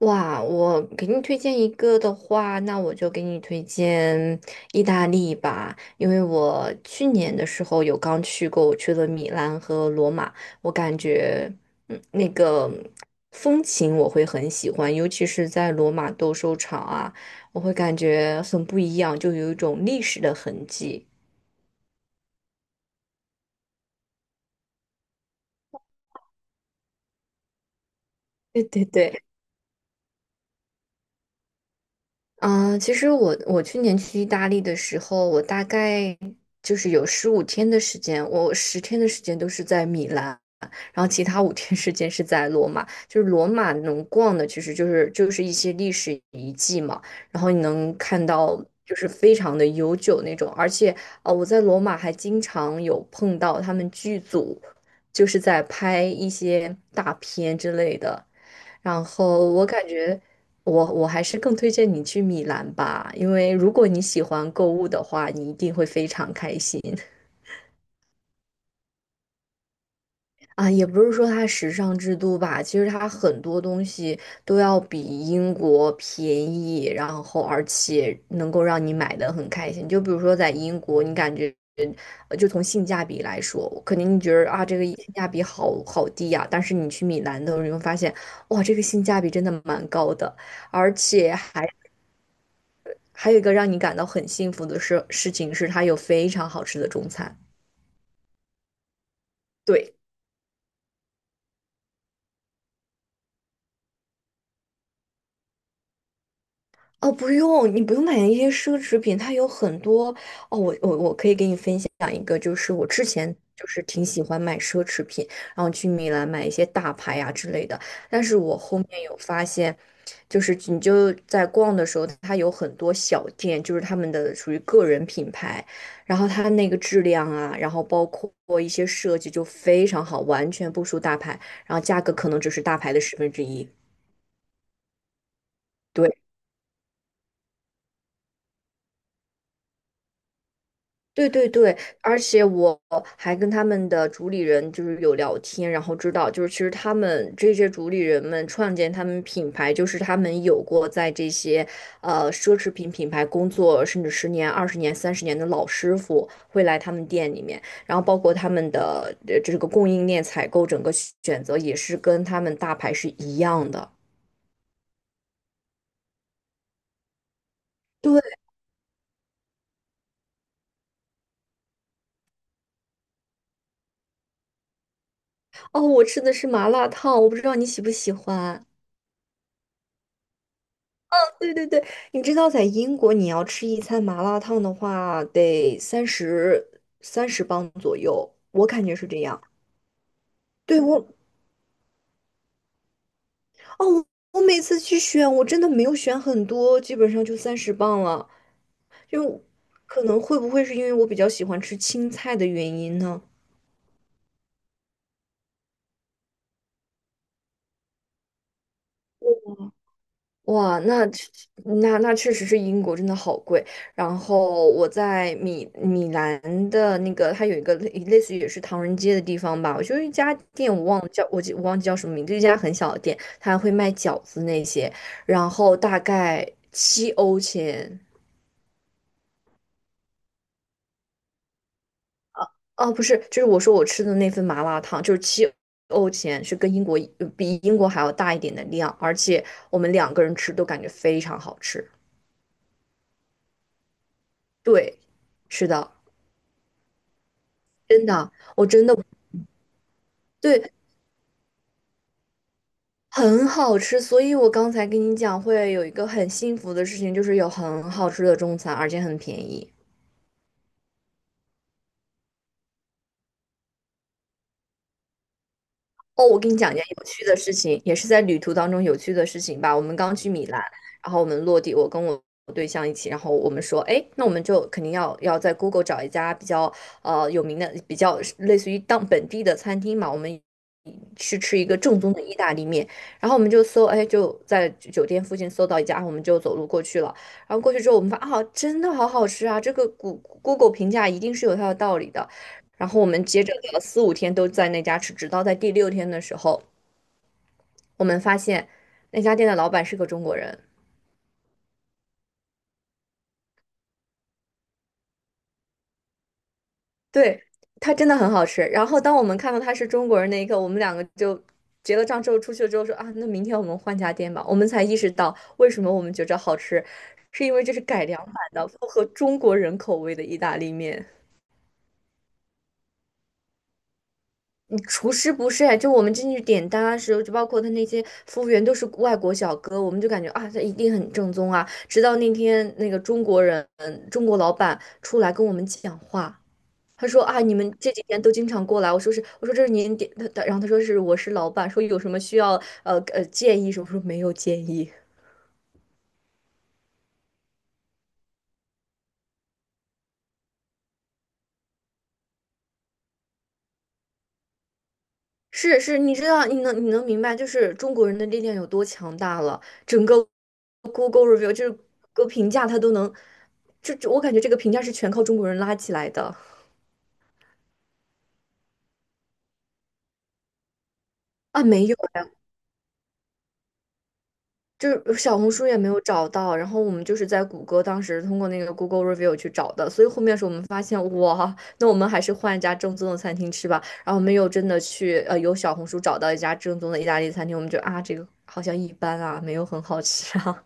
哇，我给你推荐一个的话，那我就给你推荐意大利吧。因为我去年的时候有刚去过，我去了米兰和罗马，我感觉，嗯，那个风情我会很喜欢，尤其是在罗马斗兽场啊，我会感觉很不一样，就有一种历史的痕迹。对对对，嗯，其实我去年去意大利的时候，我大概就是有15天的时间，我10天的时间都是在米兰，然后其他五天时间是在罗马。就是罗马能逛的，其实就是一些历史遗迹嘛，然后你能看到就是非常的悠久那种，而且我在罗马还经常有碰到他们剧组，就是在拍一些大片之类的。然后我感觉我还是更推荐你去米兰吧，因为如果你喜欢购物的话，你一定会非常开心。啊！也不是说它时尚之都吧，其实它很多东西都要比英国便宜，然后而且能够让你买的很开心。就比如说在英国，你感觉就从性价比来说，肯定你觉得啊这个性价比好好低呀、但是你去米兰的时候，你会发现哇，这个性价比真的蛮高的。而且还有一个让你感到很幸福的事情是，它有非常好吃的中餐。对，哦，不用，你不用买那些奢侈品，它有很多哦。我可以给你分享一个，就是我之前就是挺喜欢买奢侈品，然后去米兰买一些大牌呀、之类的。但是我后面有发现，就是你就在逛的时候，它有很多小店，就是他们的属于个人品牌，然后它那个质量啊，然后包括一些设计就非常好，完全不输大牌，然后价格可能只是大牌的1/10。对。对对对，而且我还跟他们的主理人就是有聊天，然后知道就是其实他们这些主理人们创建他们品牌，就是他们有过在这些奢侈品品牌工作，甚至十年、20年、30年的老师傅会来他们店里面，然后包括他们的这个供应链采购整个选择也是跟他们大牌是一样的。对，哦，我吃的是麻辣烫，我不知道你喜不喜欢。对对对，你知道在英国，你要吃一餐麻辣烫的话，得三十磅左右，我感觉是这样。对我，哦，我每次去选，我真的没有选很多，基本上就三十磅了。就可能会不会是因为我比较喜欢吃青菜的原因呢？哇，那那确实是英国真的好贵。然后我在米兰的那个，它有一个类似于也是唐人街的地方吧，我就一家店，我忘记叫什么名字，一家很小的店，它会卖饺子那些，然后大概七欧钱。哦，不是，就是我说我吃的那份麻辣烫，就是七欧钱，是跟英国比英国还要大一点的量，而且我们2个人吃都感觉非常好吃。对，是的，真的。我真的对，很好吃，所以我刚才跟你讲，会有一个很幸福的事情，就是有很好吃的中餐，而且很便宜。哦，我跟你讲一件有趣的事情，也是在旅途当中有趣的事情吧。我们刚去米兰，然后我们落地，我跟我对象一起，然后我们说，哎，那我们就肯定要在 Google 找一家比较有名的、比较类似于当本地的餐厅嘛，我们去吃一个正宗的意大利面。然后我们就搜，哎，就在酒店附近搜到一家，我们就走路过去了。然后过去之后，我们发啊，真的好好吃啊！这个Google 评价一定是有它的道理的。然后我们接着聊了4、5天都在那家吃，直到在第6天的时候，我们发现那家店的老板是个中国人，对，他真的很好吃。然后当我们看到他是中国人那一刻，我们两个就结了账之后出去了之后说啊，那明天我们换家店吧。我们才意识到为什么我们觉着好吃，是因为这是改良版的，符合中国人口味的意大利面。厨师不是，就我们进去点单的时候，就包括他那些服务员都是外国小哥，我们就感觉啊，他一定很正宗啊。直到那天那个中国人，中国老板出来跟我们讲话，他说啊，你们这几天都经常过来。我说是，我说这是您点，他然后他说是我是老板，说有什么需要建议什么，我说没有建议。是是，你知道，你能明白，就是中国人的力量有多强大了。整个 Google review 就是个评价，它都能，我感觉这个评价是全靠中国人拉起来的。啊，没有呀，就是小红书也没有找到，然后我们就是在谷歌当时通过那个 Google review 去找的，所以后面是我们发现，哇，那我们还是换一家正宗的餐厅吃吧。然后我们又真的去，由小红书找到一家正宗的意大利餐厅，我们觉得啊，这个好像一般啊，没有很好吃啊。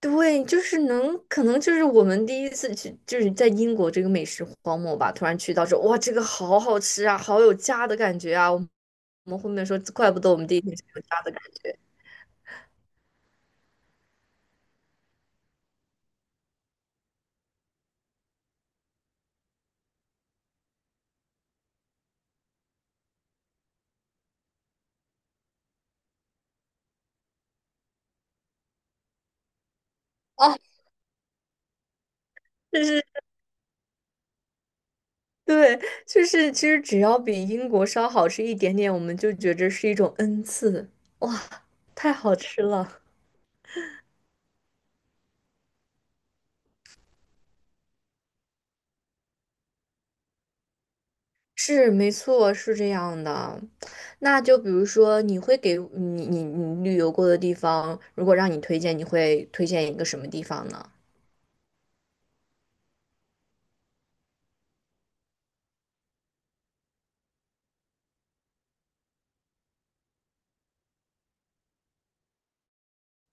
对，就是能，可能就是我们第1次去，就是在英国这个美食荒漠吧，突然去到这，哇，这个好好吃啊，好有家的感觉啊！我们后面说，怪不得我们第1天是有家的感觉啊。就是对，就是其实只要比英国稍好吃一点点，我们就觉着是一种恩赐，哇，太好吃了。是，没错，是这样的。那就比如说，你会给你旅游过的地方，如果让你推荐，你会推荐一个什么地方呢？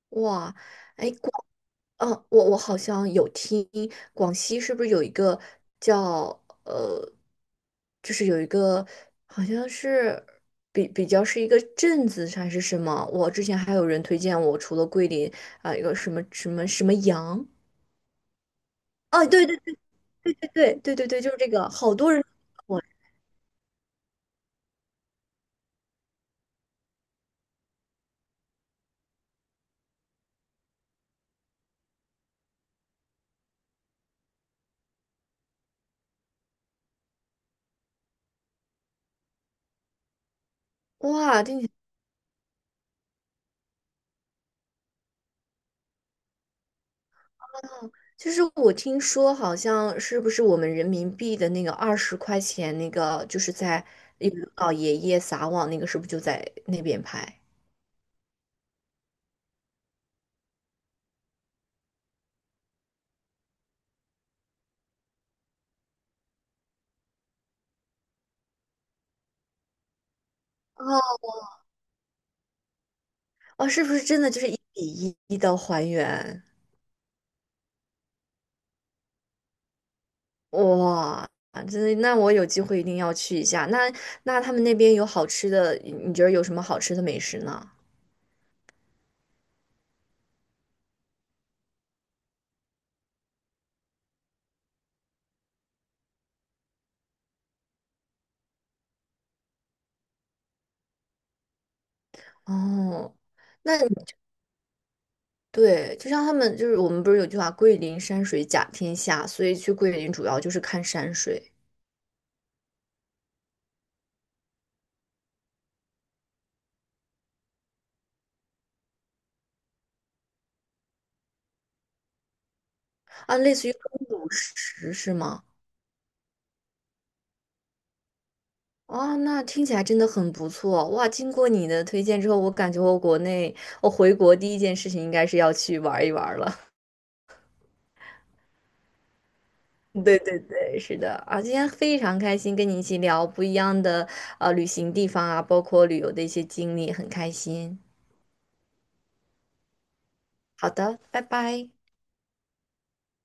哇，哎，哦，我我好像有听广西是不是有一个叫就是有一个好像是比较是一个镇子还是什么？我之前还有人推荐我，除了桂林啊，有一个什么什么什么阳。哦，对，就是这个，好多人。我。哇，听起来哦，就是我听说好像是不是我们人民币的那个20块钱那个，就是在一个老爷爷撒网那个，是不是就在那边拍？哦哦，是不是真的就是1比1的还原？哇，真的，那我有机会一定要去一下。那那他们那边有好吃的，你觉得有什么好吃的美食呢？哦，那你对，就像他们就是我们不是有句话“桂林山水甲天下”，所以去桂林主要就是看山水。啊，类似于中主食是吗？哦，那听起来真的很不错哇！经过你的推荐之后，我感觉我国内回国第1件事情应该是要去玩一玩了。对对对，是的啊，今天非常开心跟你一起聊不一样的旅行地方啊，包括旅游的一些经历，很开心。好的，拜拜。